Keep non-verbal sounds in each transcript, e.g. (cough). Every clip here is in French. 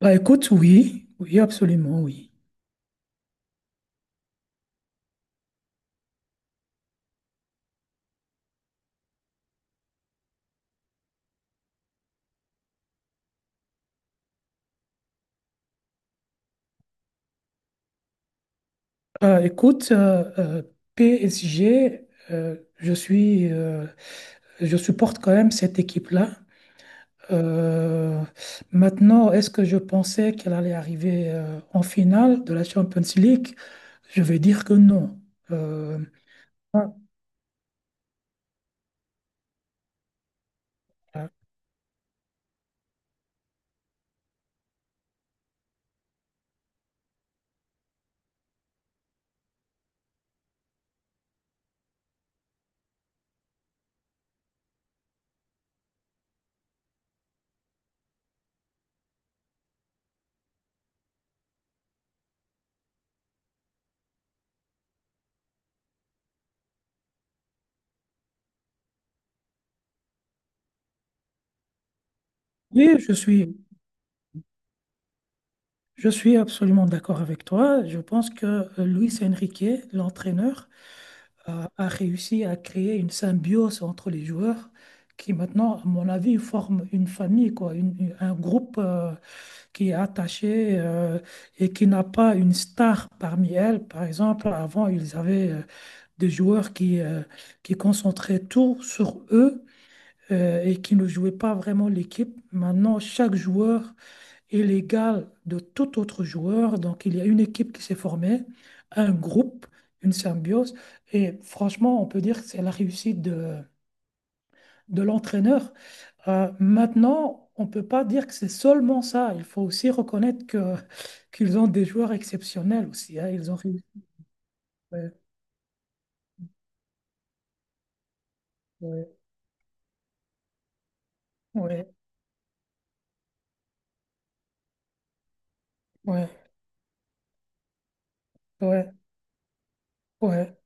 Écoute, oui, oui, absolument, oui. Écoute, PSG, je suis, je supporte quand même cette équipe-là. Euh, Maintenant, est-ce que je pensais qu'elle allait arriver en finale de la Champions League? Je vais dire que non. Euh, ah, ah, oui, je suis absolument d'accord avec toi. Je pense que Luis Enrique, l'entraîneur, a réussi à créer une symbiose entre les joueurs qui maintenant, à mon avis, forment une famille, quoi, un groupe qui est attaché et qui n'a pas une star parmi elles. Par exemple, avant, ils avaient des joueurs qui concentraient tout sur eux et qui ne jouaient pas vraiment l'équipe. Maintenant, chaque joueur est l'égal de tout autre joueur. Donc, il y a une équipe qui s'est formée, un groupe, une symbiose. Et franchement, on peut dire que c'est la réussite de l'entraîneur. Maintenant, on ne peut pas dire que c'est seulement ça. Il faut aussi reconnaître que, qu'ils ont des joueurs exceptionnels aussi, hein. Ils ont réussi. Ouais, ouais, ouais, ouais, ouais,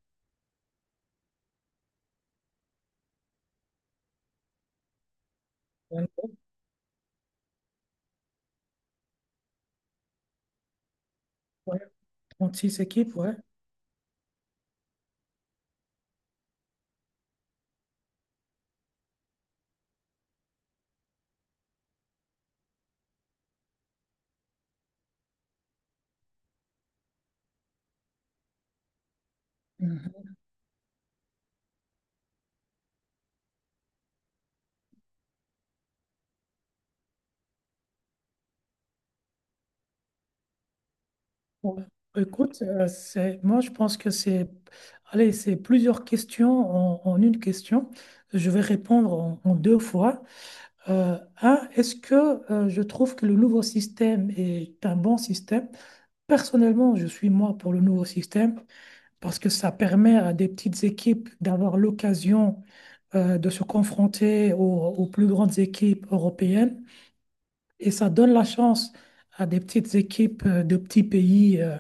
ouais. 36 équipes, ouais. Mm. Ouais. Écoute, c'est, moi je pense que c'est, allez, c'est plusieurs questions en, en une question. Je vais répondre en, en deux fois. Un, est-ce que je trouve que le nouveau système est un bon système? Personnellement, je suis moi pour le nouveau système parce que ça permet à des petites équipes d'avoir l'occasion de se confronter aux plus grandes équipes européennes. Et ça donne la chance à des petites équipes de petits pays.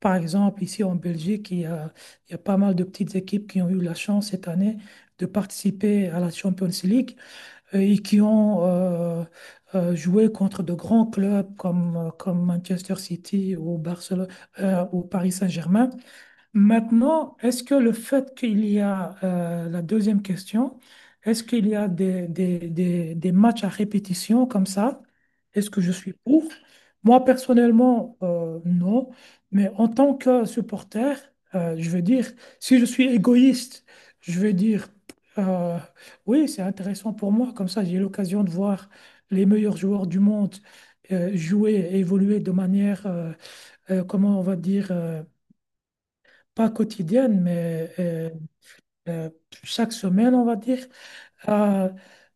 Par exemple, ici en Belgique, il y a pas mal de petites équipes qui ont eu la chance cette année de participer à la Champions League et qui ont joué contre de grands clubs comme, comme Manchester City ou Barcelone ou Paris Saint-Germain. Maintenant, est-ce que le fait qu'il y a la deuxième question, est-ce qu'il y a des matchs à répétition comme ça? Est-ce que je suis pour? Moi, personnellement, non. Mais en tant que supporter, je veux dire, si je suis égoïste, je veux dire, euh, oui, c'est intéressant pour moi. Comme ça, j'ai l'occasion de voir les meilleurs joueurs du monde jouer et évoluer de manière, comment on va dire... pas quotidienne, mais euh, chaque semaine, on va dire. Euh,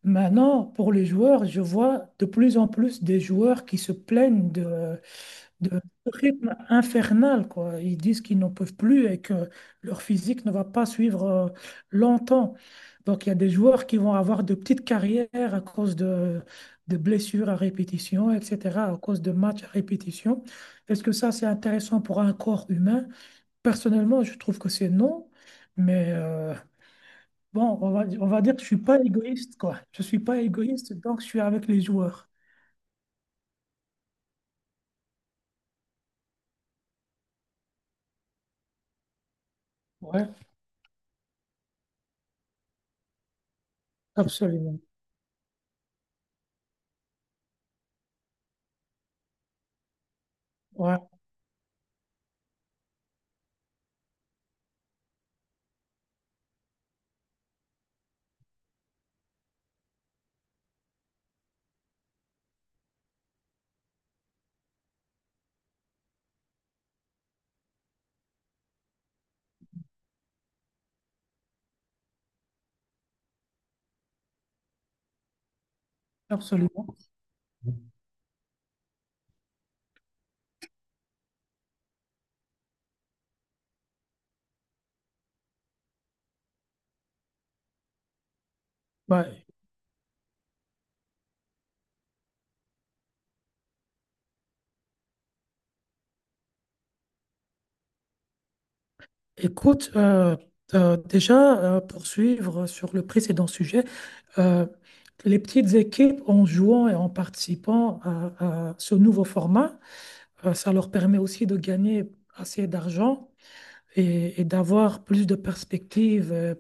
Maintenant, pour les joueurs, je vois de plus en plus des joueurs qui se plaignent de ce rythme infernal, quoi. Ils disent qu'ils n'en peuvent plus et que leur physique ne va pas suivre longtemps. Donc, il y a des joueurs qui vont avoir de petites carrières à cause de blessures à répétition, etc., à cause de matchs à répétition. Est-ce que ça, c'est intéressant pour un corps humain? Personnellement, je trouve que c'est non, mais bon, on va dire que je suis pas égoïste, quoi. Je suis pas égoïste, donc je suis avec les joueurs. Ouais, absolument. Ouais, absolument. Bah, écoute, déjà, pour suivre sur le précédent sujet, euh, les petites équipes, en jouant et en participant à ce nouveau format, ça leur permet aussi de gagner assez d'argent et d'avoir plus de perspectives.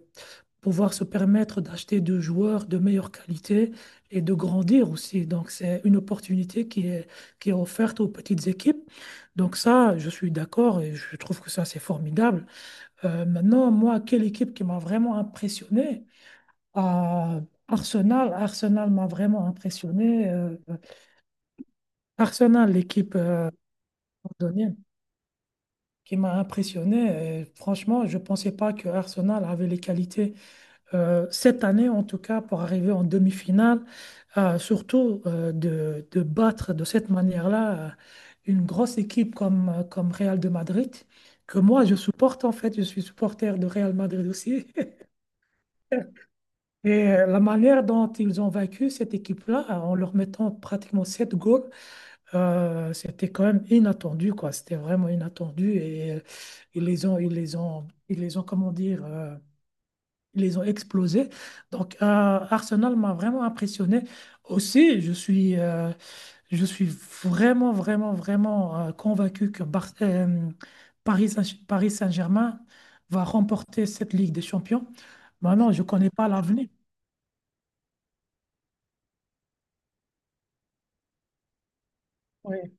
Pouvoir se permettre d'acheter deux joueurs de meilleure qualité et de grandir aussi. Donc, c'est une opportunité qui est offerte aux petites équipes. Donc, ça, je suis d'accord et je trouve que ça, c'est formidable. Maintenant, moi, quelle équipe qui m'a vraiment impressionné? Euh, Arsenal. Arsenal m'a vraiment impressionné. Arsenal, l'équipe londonienne, qui m'a impressionné. Et franchement, je ne pensais pas que Arsenal avait les qualités cette année, en tout cas, pour arriver en demi-finale. Surtout de battre de cette manière-là une grosse équipe comme, comme Real de Madrid, que moi je supporte en fait, je suis supporter de Real Madrid aussi. (laughs) Et la manière dont ils ont vaincu cette équipe-là, en leur mettant pratiquement sept goals, c'était quand même inattendu, quoi. C'était vraiment inattendu et ils les ont, comment dire, ils les ont explosés. Donc, Arsenal m'a vraiment impressionné. Aussi, je suis vraiment, vraiment, vraiment convaincu que Paris Saint-Germain va remporter cette Ligue des Champions. Maintenant, je ne connais pas l'avenir. Oui,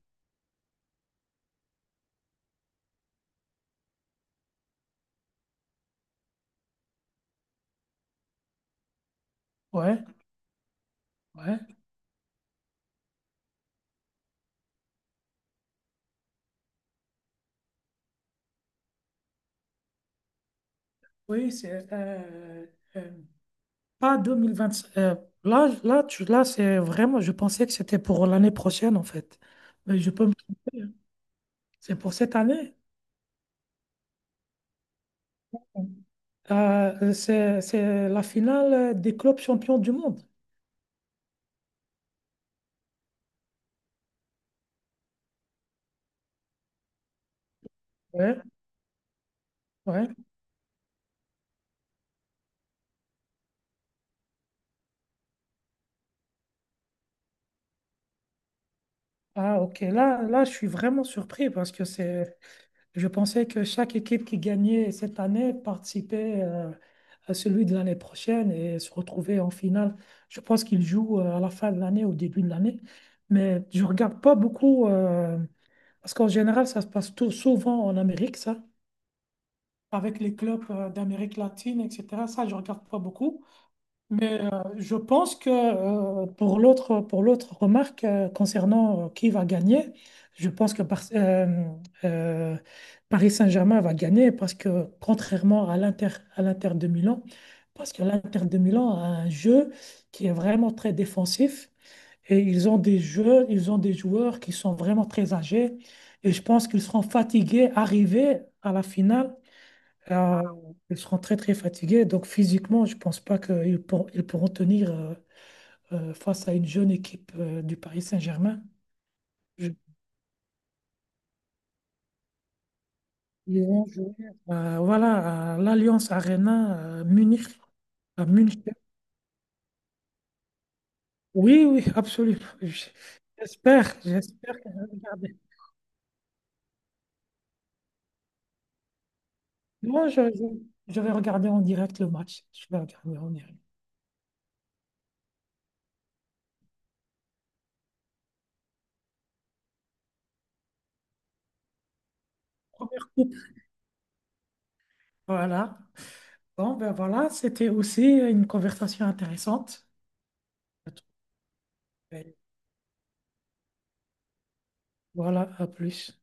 ouais, ouais. Oui, c'est euh, pas 2025. Là, c'est vraiment, je pensais que c'était pour l'année prochaine, en fait. Mais je peux me tromper, hein. C'est pour cette année. C'est la finale des clubs champions du monde. Ouais, ouais. Ah, ok. Là, là, je suis vraiment surpris parce que c'est, je pensais que chaque équipe qui gagnait cette année participait à celui de l'année prochaine et se retrouvait en finale. Je pense qu'ils jouent à la fin de l'année, au début de l'année. Mais je regarde pas beaucoup parce qu'en général, ça se passe tout, souvent en Amérique, ça, avec les clubs d'Amérique latine, etc. Ça, je regarde pas beaucoup. Mais je pense que pour l'autre remarque concernant qui va gagner, je pense que euh, Paris Saint-Germain va gagner parce que contrairement à l'Inter de Milan, parce que l'Inter de Milan a un jeu qui est vraiment très défensif et ils ont des joueurs qui sont vraiment très âgés et je pense qu'ils seront fatigués arrivés à la finale. ah, Ils seront très très fatigués, donc physiquement, je ne pense pas ils pourront tenir face à une jeune équipe du Paris Saint-Germain. Je- Ils vont jouer voilà, à l'Alliance Arena à Munich, à Munich. Oui, oui, absolument. J- J'espère, j'espère que je vais regarder. Moi, je vais regarder en direct le match. Je vais regarder en direct. Première coupe. Voilà. Bon, ben voilà, c'était aussi une conversation intéressante. Voilà, à plus.